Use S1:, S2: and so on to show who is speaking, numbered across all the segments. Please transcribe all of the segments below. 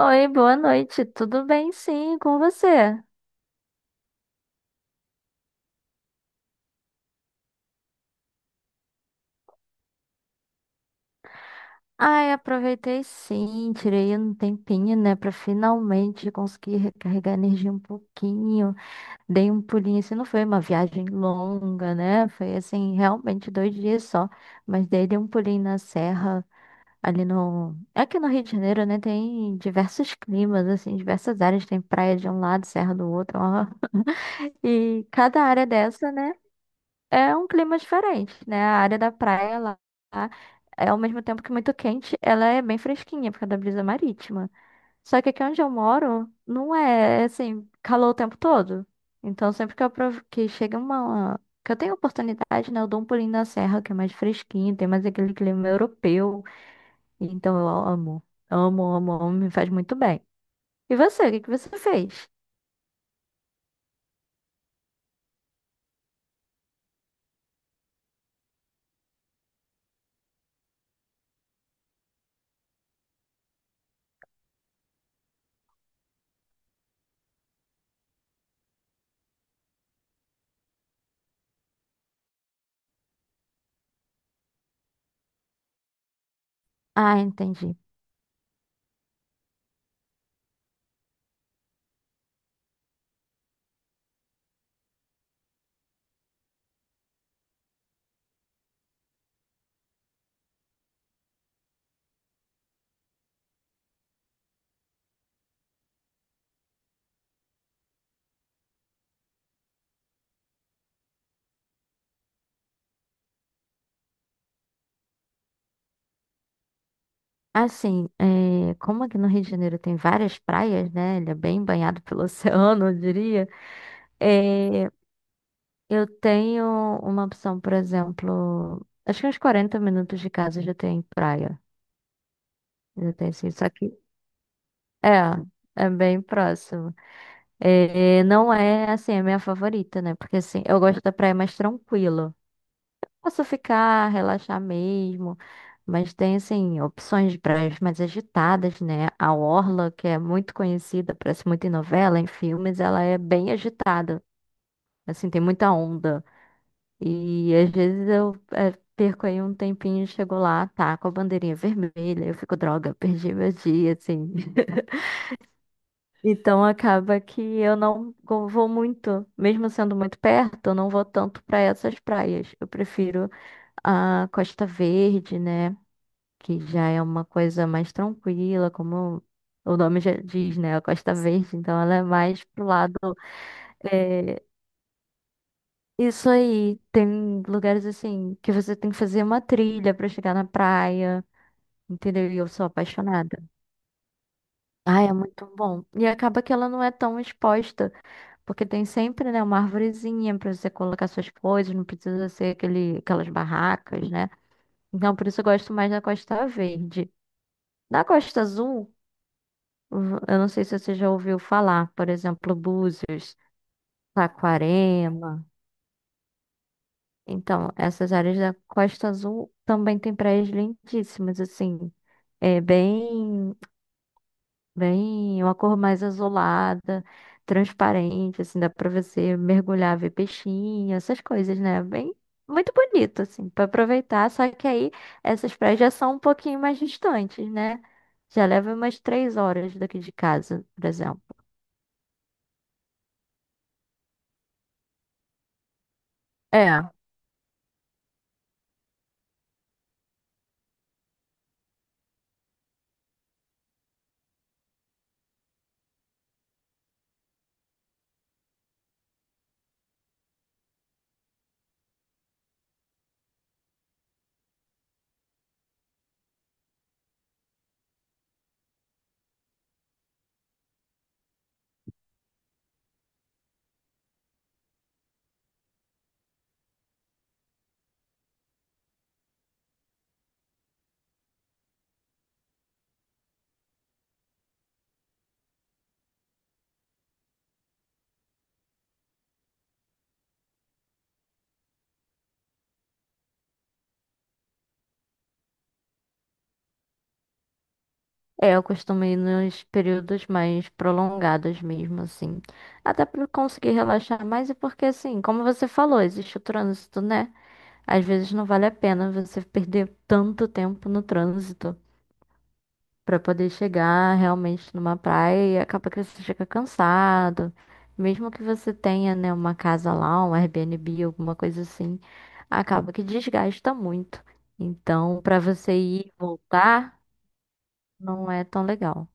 S1: Oi, boa noite. Tudo bem, sim, com você? Ai, aproveitei sim, tirei um tempinho, né, pra finalmente conseguir recarregar a energia um pouquinho. Dei um pulinho, assim, não foi uma viagem longa, né? Foi assim, realmente 2 dias só, mas daí dei um pulinho na serra, ali no, aqui no Rio de Janeiro, né, tem diversos climas, assim, diversas áreas, tem praia de um lado, serra do outro, ó. E cada área dessa, né? É um clima diferente, né? A área da praia lá, lá é ao mesmo tempo que muito quente, ela é bem fresquinha por causa da brisa marítima. Só que aqui onde eu moro, não é assim, calor o tempo todo. Então sempre que que chega uma que eu tenho oportunidade, né, eu dou um pulinho na serra, que é mais fresquinho, tem mais aquele clima europeu. Então eu amo, amo, amo, amo, me faz muito bem. E você, o que que você fez? Ah, entendi. Assim, é, como aqui no Rio de Janeiro tem várias praias, né? Ele é bem banhado pelo oceano, eu diria. é, eu tenho uma opção, por exemplo, acho que uns 40 minutos de casa já tem praia. Já tem assim, só que é, é bem próximo. É, não é assim a minha favorita, né? Porque assim, eu gosto da praia mais tranquila. Posso ficar, relaxar mesmo, mas tem assim opções de praias mais agitadas, né? A Orla, que é muito conhecida, parece muito em novela, em filmes, ela é bem agitada, assim, tem muita onda. E às vezes eu perco aí um tempinho, chego lá, tá com a bandeirinha vermelha, eu fico, droga, perdi meu dia, assim. Então acaba que eu não go- vou muito, mesmo sendo muito perto, eu não vou tanto para essas praias. Eu prefiro a Costa Verde, né? Que já é uma coisa mais tranquila, como o nome já diz, né? A Costa Verde, então ela é mais pro lado. é, Isso aí, tem lugares assim que você tem que fazer uma trilha pra chegar na praia, entendeu? E eu sou apaixonada. Ah, é muito bom. E acaba que ela não é tão exposta, porque tem sempre, né, uma arvorezinha pra você colocar suas coisas, não precisa ser aquele, aquelas barracas, né? Então, por isso eu gosto mais da Costa Verde. Na Costa Azul, eu não sei se você já ouviu falar, por exemplo, Búzios, Saquarema. Então, essas áreas da Costa Azul também tem praias lindíssimas, assim, é bem, uma cor mais azulada, transparente, assim, dá pra você mergulhar, ver peixinho, essas coisas, né? Bem, muito bonito, assim, pra aproveitar. Só que aí essas praias já são um pouquinho mais distantes, né? Já leva umas 3 horas daqui de casa, por exemplo. É. É, eu costumo ir nos períodos mais prolongados mesmo, assim. Até pra eu conseguir relaxar mais e porque, assim, como você falou, existe o trânsito, né? Às vezes não vale a pena você perder tanto tempo no trânsito pra poder chegar realmente numa praia e acaba que você chega cansado. Mesmo que você tenha, né, uma casa lá, um Airbnb, alguma coisa assim, acaba que desgasta muito. Então, pra você ir e voltar, não é tão legal.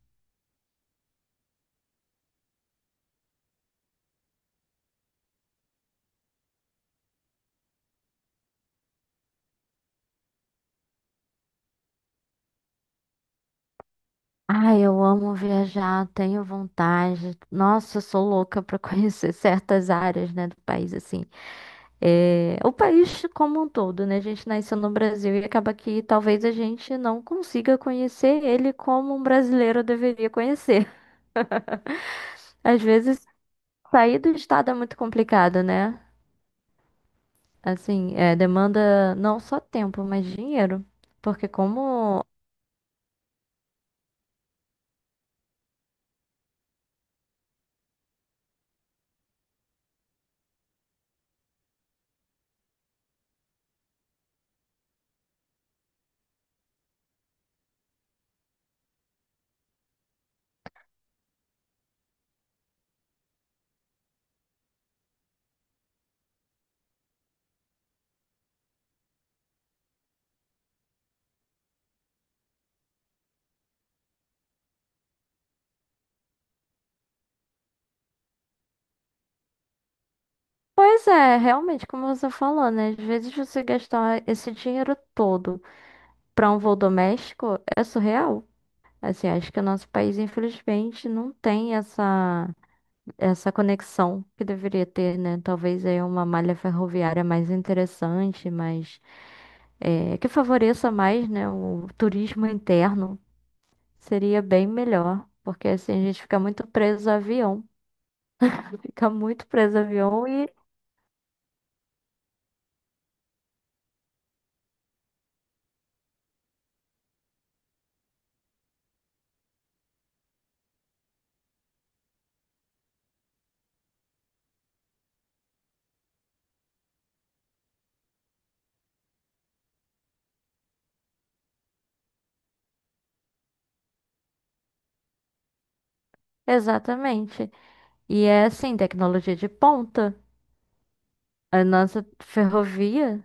S1: Ai, eu amo viajar, tenho vontade. Nossa, eu sou louca para conhecer certas áreas, né, do país, assim. É, o país como um todo, né? A gente nasceu no Brasil e acaba que talvez a gente não consiga conhecer ele como um brasileiro deveria conhecer. Às vezes, sair do estado é muito complicado, né? Assim, é, demanda não só tempo, mas dinheiro. Porque como... Pois é, realmente, como você falou, né? Às vezes você gastar esse dinheiro todo para um voo doméstico é surreal. Assim, acho que o nosso país, infelizmente, não tem essa, essa conexão que deveria ter, né? Talvez aí uma malha ferroviária mais interessante, mais, que favoreça mais, né, o turismo interno. Seria bem melhor, porque assim a gente fica muito preso a avião. Fica muito preso a avião e... Exatamente. E é assim, tecnologia de ponta. A nossa ferrovia,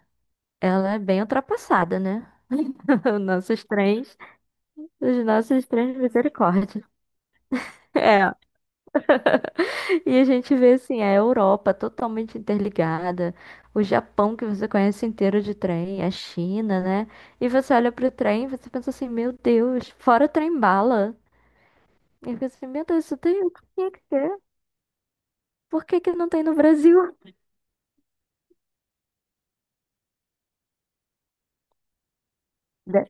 S1: ela é bem ultrapassada, né? Os nossos trens, os nossos trens, misericórdia. É. E a gente vê assim, a Europa totalmente interligada, o Japão que você conhece inteiro de trem, a China, né? E você olha pro trem e você pensa assim, meu Deus, fora o trem bala. E você pensa assim, meu Deus, isso tem o que tinha que ter? Por que que não tem no Brasil? De-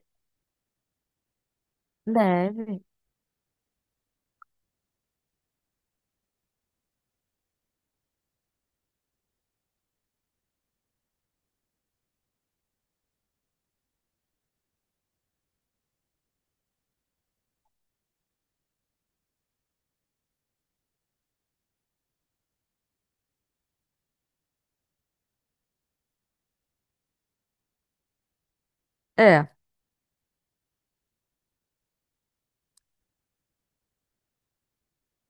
S1: Deve. É,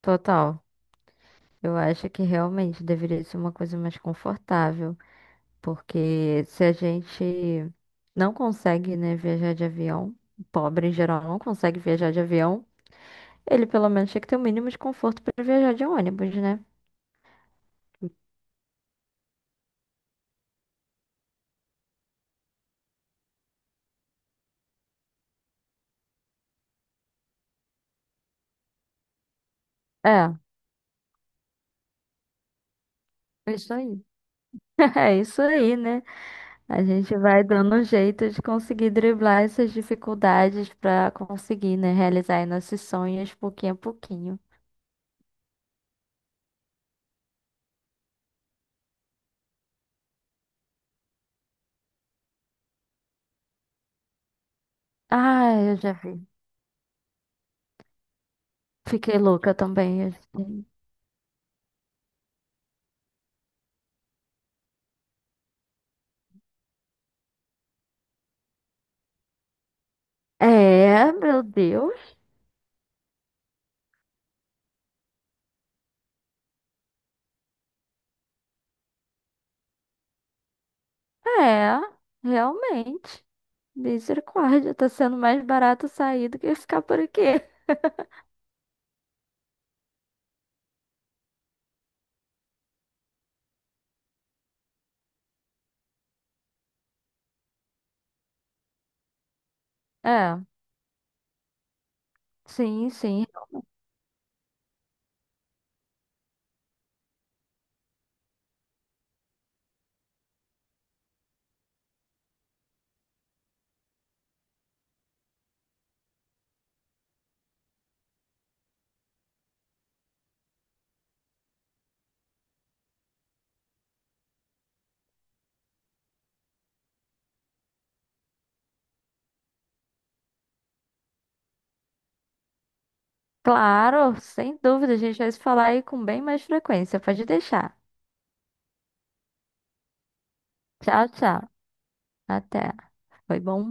S1: total. Eu acho que realmente deveria ser uma coisa mais confortável. Porque se a gente não consegue, né, viajar de avião, o pobre em geral não consegue viajar de avião, ele pelo menos tinha que ter o mínimo de conforto para viajar de ônibus, né? É, é isso aí. É isso aí, né? A gente vai dando um jeito de conseguir driblar essas dificuldades para conseguir, né, realizar aí nossos sonhos pouquinho a pouquinho. Ah, eu já vi. Fiquei louca também. Assim. É, meu Deus. É, realmente. Misericórdia, tá sendo mais barato sair do que ficar por aqui. É, sim, sim. Claro, sem dúvida, a gente vai se falar aí com bem mais frequência. Pode deixar. Tchau, tchau. Até. Foi bom.